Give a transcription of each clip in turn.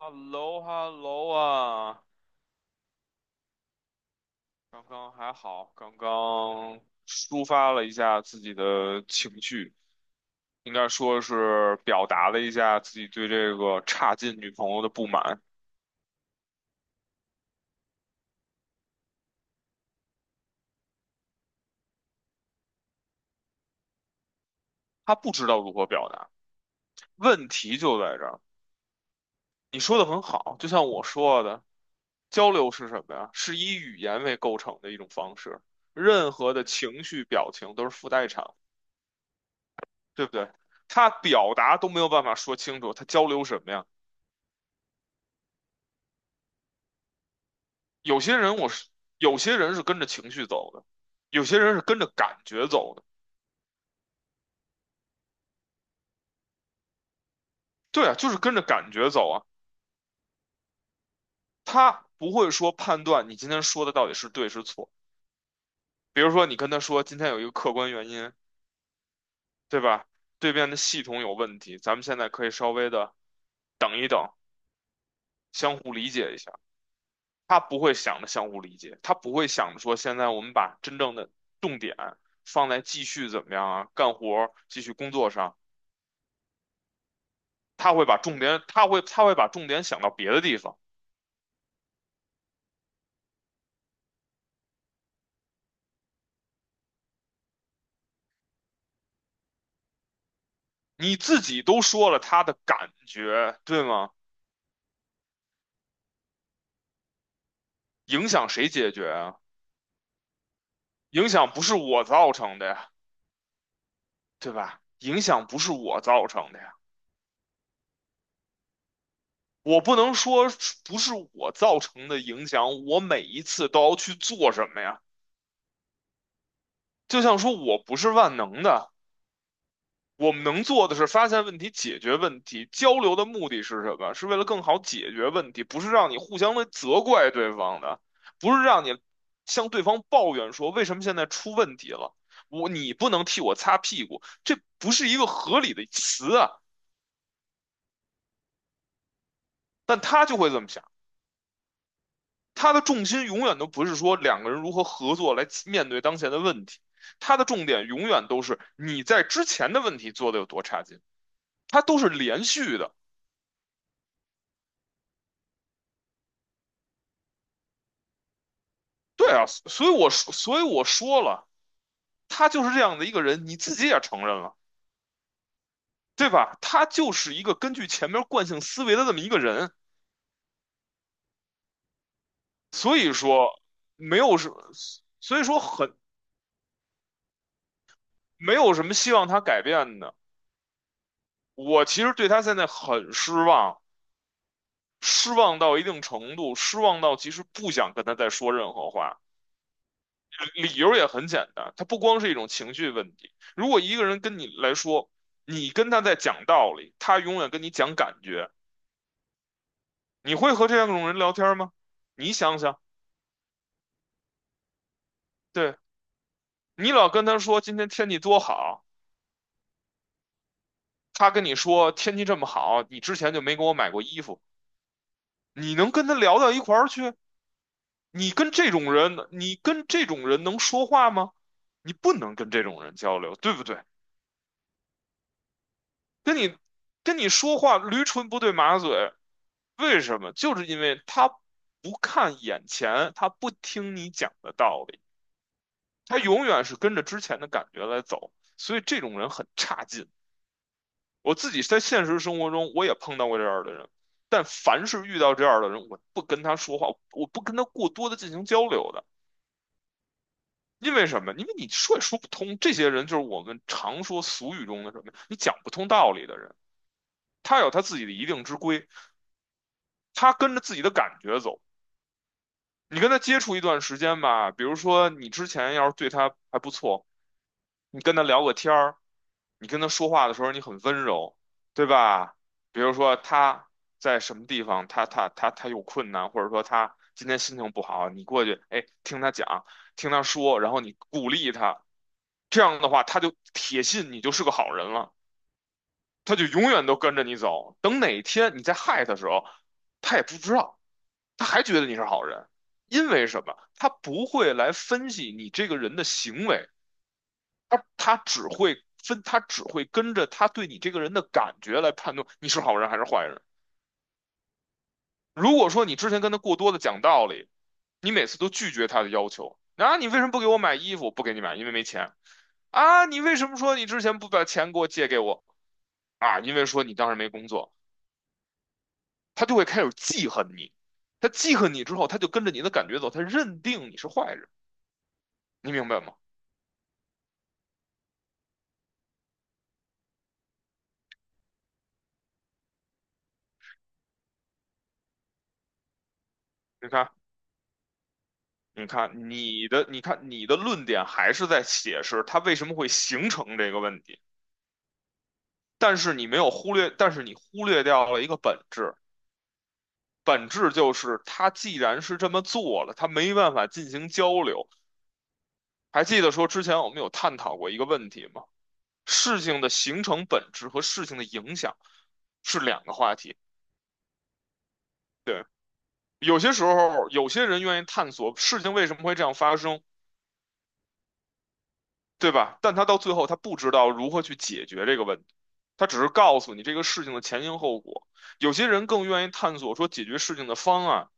hello hello 啊，刚刚还好，刚刚抒发了一下自己的情绪，应该说是表达了一下自己对这个差劲女朋友的不满。她不知道如何表达，问题就在这儿。你说的很好，就像我说的，交流是什么呀？是以语言为构成的一种方式，任何的情绪表情都是附带场，对不对？他表达都没有办法说清楚，他交流什么呀？有些人我是有些人是跟着情绪走的，有些人是跟着感觉走的。对啊，就是跟着感觉走啊。他不会说判断你今天说的到底是对是错。比如说你跟他说今天有一个客观原因，对吧？对面的系统有问题，咱们现在可以稍微的等一等，相互理解一下。他不会想着相互理解，他不会想着说现在我们把真正的重点放在继续怎么样啊，干活儿继续工作上。他会把重点，他会把重点想到别的地方。你自己都说了他的感觉，对吗？影响谁解决啊？影响不是我造成的呀，对吧？影响不是我造成的呀，我不能说不是我造成的影响，我每一次都要去做什么呀？就像说我不是万能的，我们能做的是发现问题、解决问题。交流的目的是什么？是为了更好解决问题，不是让你互相的责怪对方的，不是让你向对方抱怨说为什么现在出问题了，我你不能替我擦屁股，这不是一个合理的词啊。但他就会这么想，他的重心永远都不是说两个人如何合作来面对当前的问题，他的重点永远都是你在之前的问题做的有多差劲，他都是连续的。对啊，所以我说，所以我说了，他就是这样的一个人，你自己也承认了，对吧？他就是一个根据前面惯性思维的这么一个人，所以说没有什么，所以说很没有什么希望他改变的。我其实对他现在很失望，失望到一定程度，失望到其实不想跟他再说任何话。理由也很简单，他不光是一种情绪问题。如果一个人跟你来说，你跟他在讲道理，他永远跟你讲感觉。你会和这种人聊天吗？你想想，对，你老跟他说今天天气多好，他跟你说天气这么好，你之前就没给我买过衣服，你能跟他聊到一块儿去？你跟这种人能说话吗？你不能跟这种人交流，对不对？跟你跟你说话驴唇不对马嘴，为什么？就是因为他不看眼前，他不听你讲的道理。他永远是跟着之前的感觉来走，所以这种人很差劲。我自己在现实生活中我也碰到过这样的人，但凡是遇到这样的人，我不跟他说话，我不跟他过多的进行交流的。因为什么？因为你说也说不通，这些人就是我们常说俗语中的什么，你讲不通道理的人。他有他自己的一定之规，他跟着自己的感觉走。你跟他接触一段时间吧，比如说你之前要是对他还不错，你跟他聊个天儿，你跟他说话的时候你很温柔，对吧？比如说他在什么地方，他有困难，或者说他今天心情不好，你过去，哎，听他讲，听他说，然后你鼓励他，这样的话他就铁信你就是个好人了，他就永远都跟着你走。等哪天你再害他的时候，他也不知道，他还觉得你是好人，因为什么？他不会来分析你这个人的行为。他只会跟着他对你这个人的感觉来判断你是好人还是坏人。如果说你之前跟他过多的讲道理，你每次都拒绝他的要求，啊，你为什么不给我买衣服？不给你买，因为没钱。啊，你为什么说你之前不把钱给我借给我？啊，因为说你当时没工作，他就会开始记恨你。他记恨你之后，他就跟着你的感觉走，他认定你是坏人，你明白吗？你看，你看你的论点还是在解释它为什么会形成这个问题，但是你没有忽略，但是你忽略掉了一个本质，本质就是它既然是这么做了，它没办法进行交流。还记得说之前我们有探讨过一个问题吗？事情的形成本质和事情的影响是两个话题。有些时候，有些人愿意探索事情为什么会这样发生，对吧？但他到最后他不知道如何去解决这个问题，他只是告诉你这个事情的前因后果。有些人更愿意探索说解决事情的方案。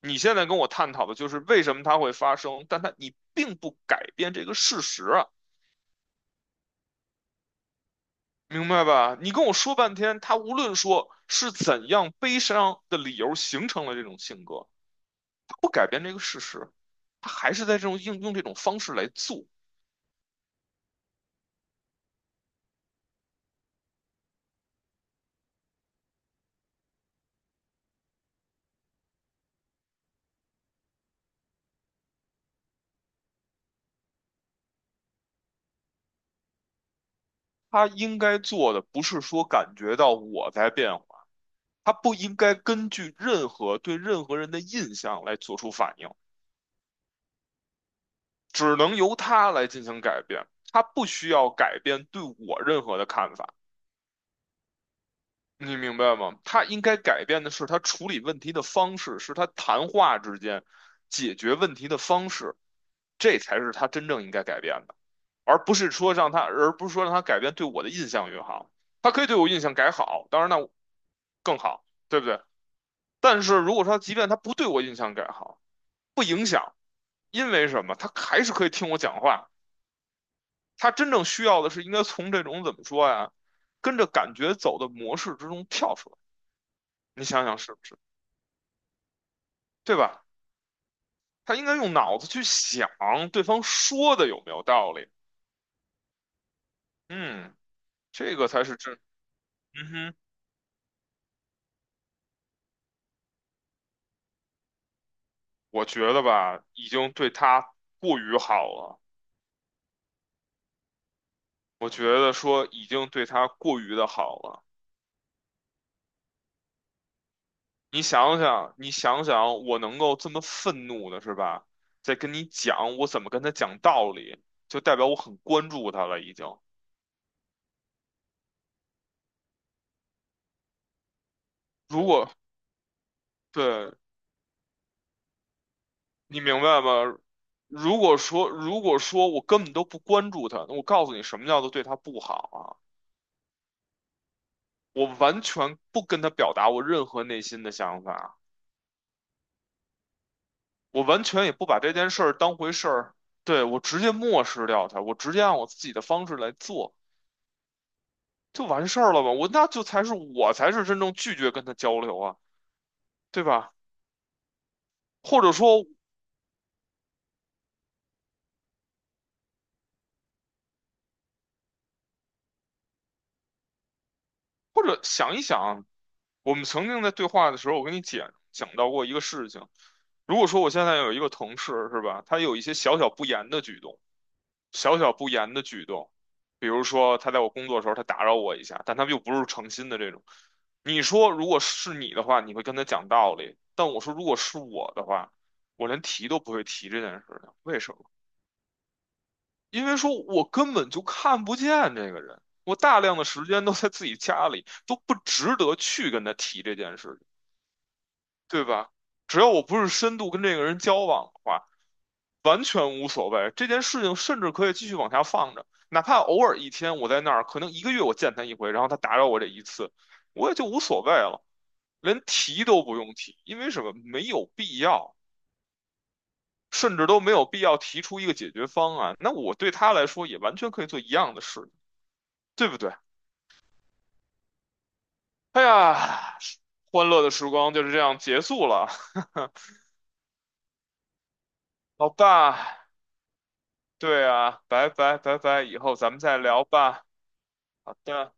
你现在跟我探讨的就是为什么它会发生，但它你并不改变这个事实啊，明白吧？你跟我说半天，他无论说是怎样悲伤的理由形成了这种性格，他不改变这个事实，他还是在这种应用这种方式来做。他应该做的不是说感觉到我在变他不应该根据任何对任何人的印象来做出反应，只能由他来进行改变。他不需要改变对我任何的看法，你明白吗？他应该改变的是他处理问题的方式，是他谈话之间解决问题的方式，这才是他真正应该改变的，而不是说让他改变对我的印象越好。他可以对我印象改好，当然那更好，对不对？但是如果说即便他不对我印象改好，不影响。因为什么？他还是可以听我讲话。他真正需要的是应该从这种怎么说呀，跟着感觉走的模式之中跳出来。你想想是不是？对吧？他应该用脑子去想对方说的有没有道理。嗯，这个才是真。嗯哼，我觉得吧，已经对他过于好了。我觉得说已经对他过于的好了。你想想，你想想，我能够这么愤怒的是吧？在跟你讲，我怎么跟他讲道理，就代表我很关注他了已经。如果，对，你明白吗？如果说我根本都不关注他，那我告诉你什么叫做对他不好啊？我完全不跟他表达我任何内心的想法，我完全也不把这件事儿当回事儿，对，我直接漠视掉他，我直接按我自己的方式来做。就完事儿了吧？我才是真正拒绝跟他交流啊，对吧？或者说，或者想一想，我们曾经在对话的时候，我跟你讲讲到过一个事情。如果说我现在有一个同事，是吧？他有一些小小不言的举动，小小不言的举动，比如说他在我工作的时候，他打扰我一下，但他又不是诚心的这种。你说，如果是你的话，你会跟他讲道理；但我说，如果是我的话，我连提都不会提这件事情，为什么？因为说我根本就看不见这个人，我大量的时间都在自己家里，都不值得去跟他提这件事情，对吧？只要我不是深度跟这个人交往的话，完全无所谓。这件事情甚至可以继续往下放着，哪怕偶尔一天我在那儿，可能一个月我见他一回，然后他打扰我这一次，我也就无所谓了，连提都不用提，因为什么？没有必要，甚至都没有必要提出一个解决方案。那我对他来说也完全可以做一样的事，对不对？哎呀，欢乐的时光就是这样结束了。好吧，对啊，拜拜拜拜，以后咱们再聊吧。好的。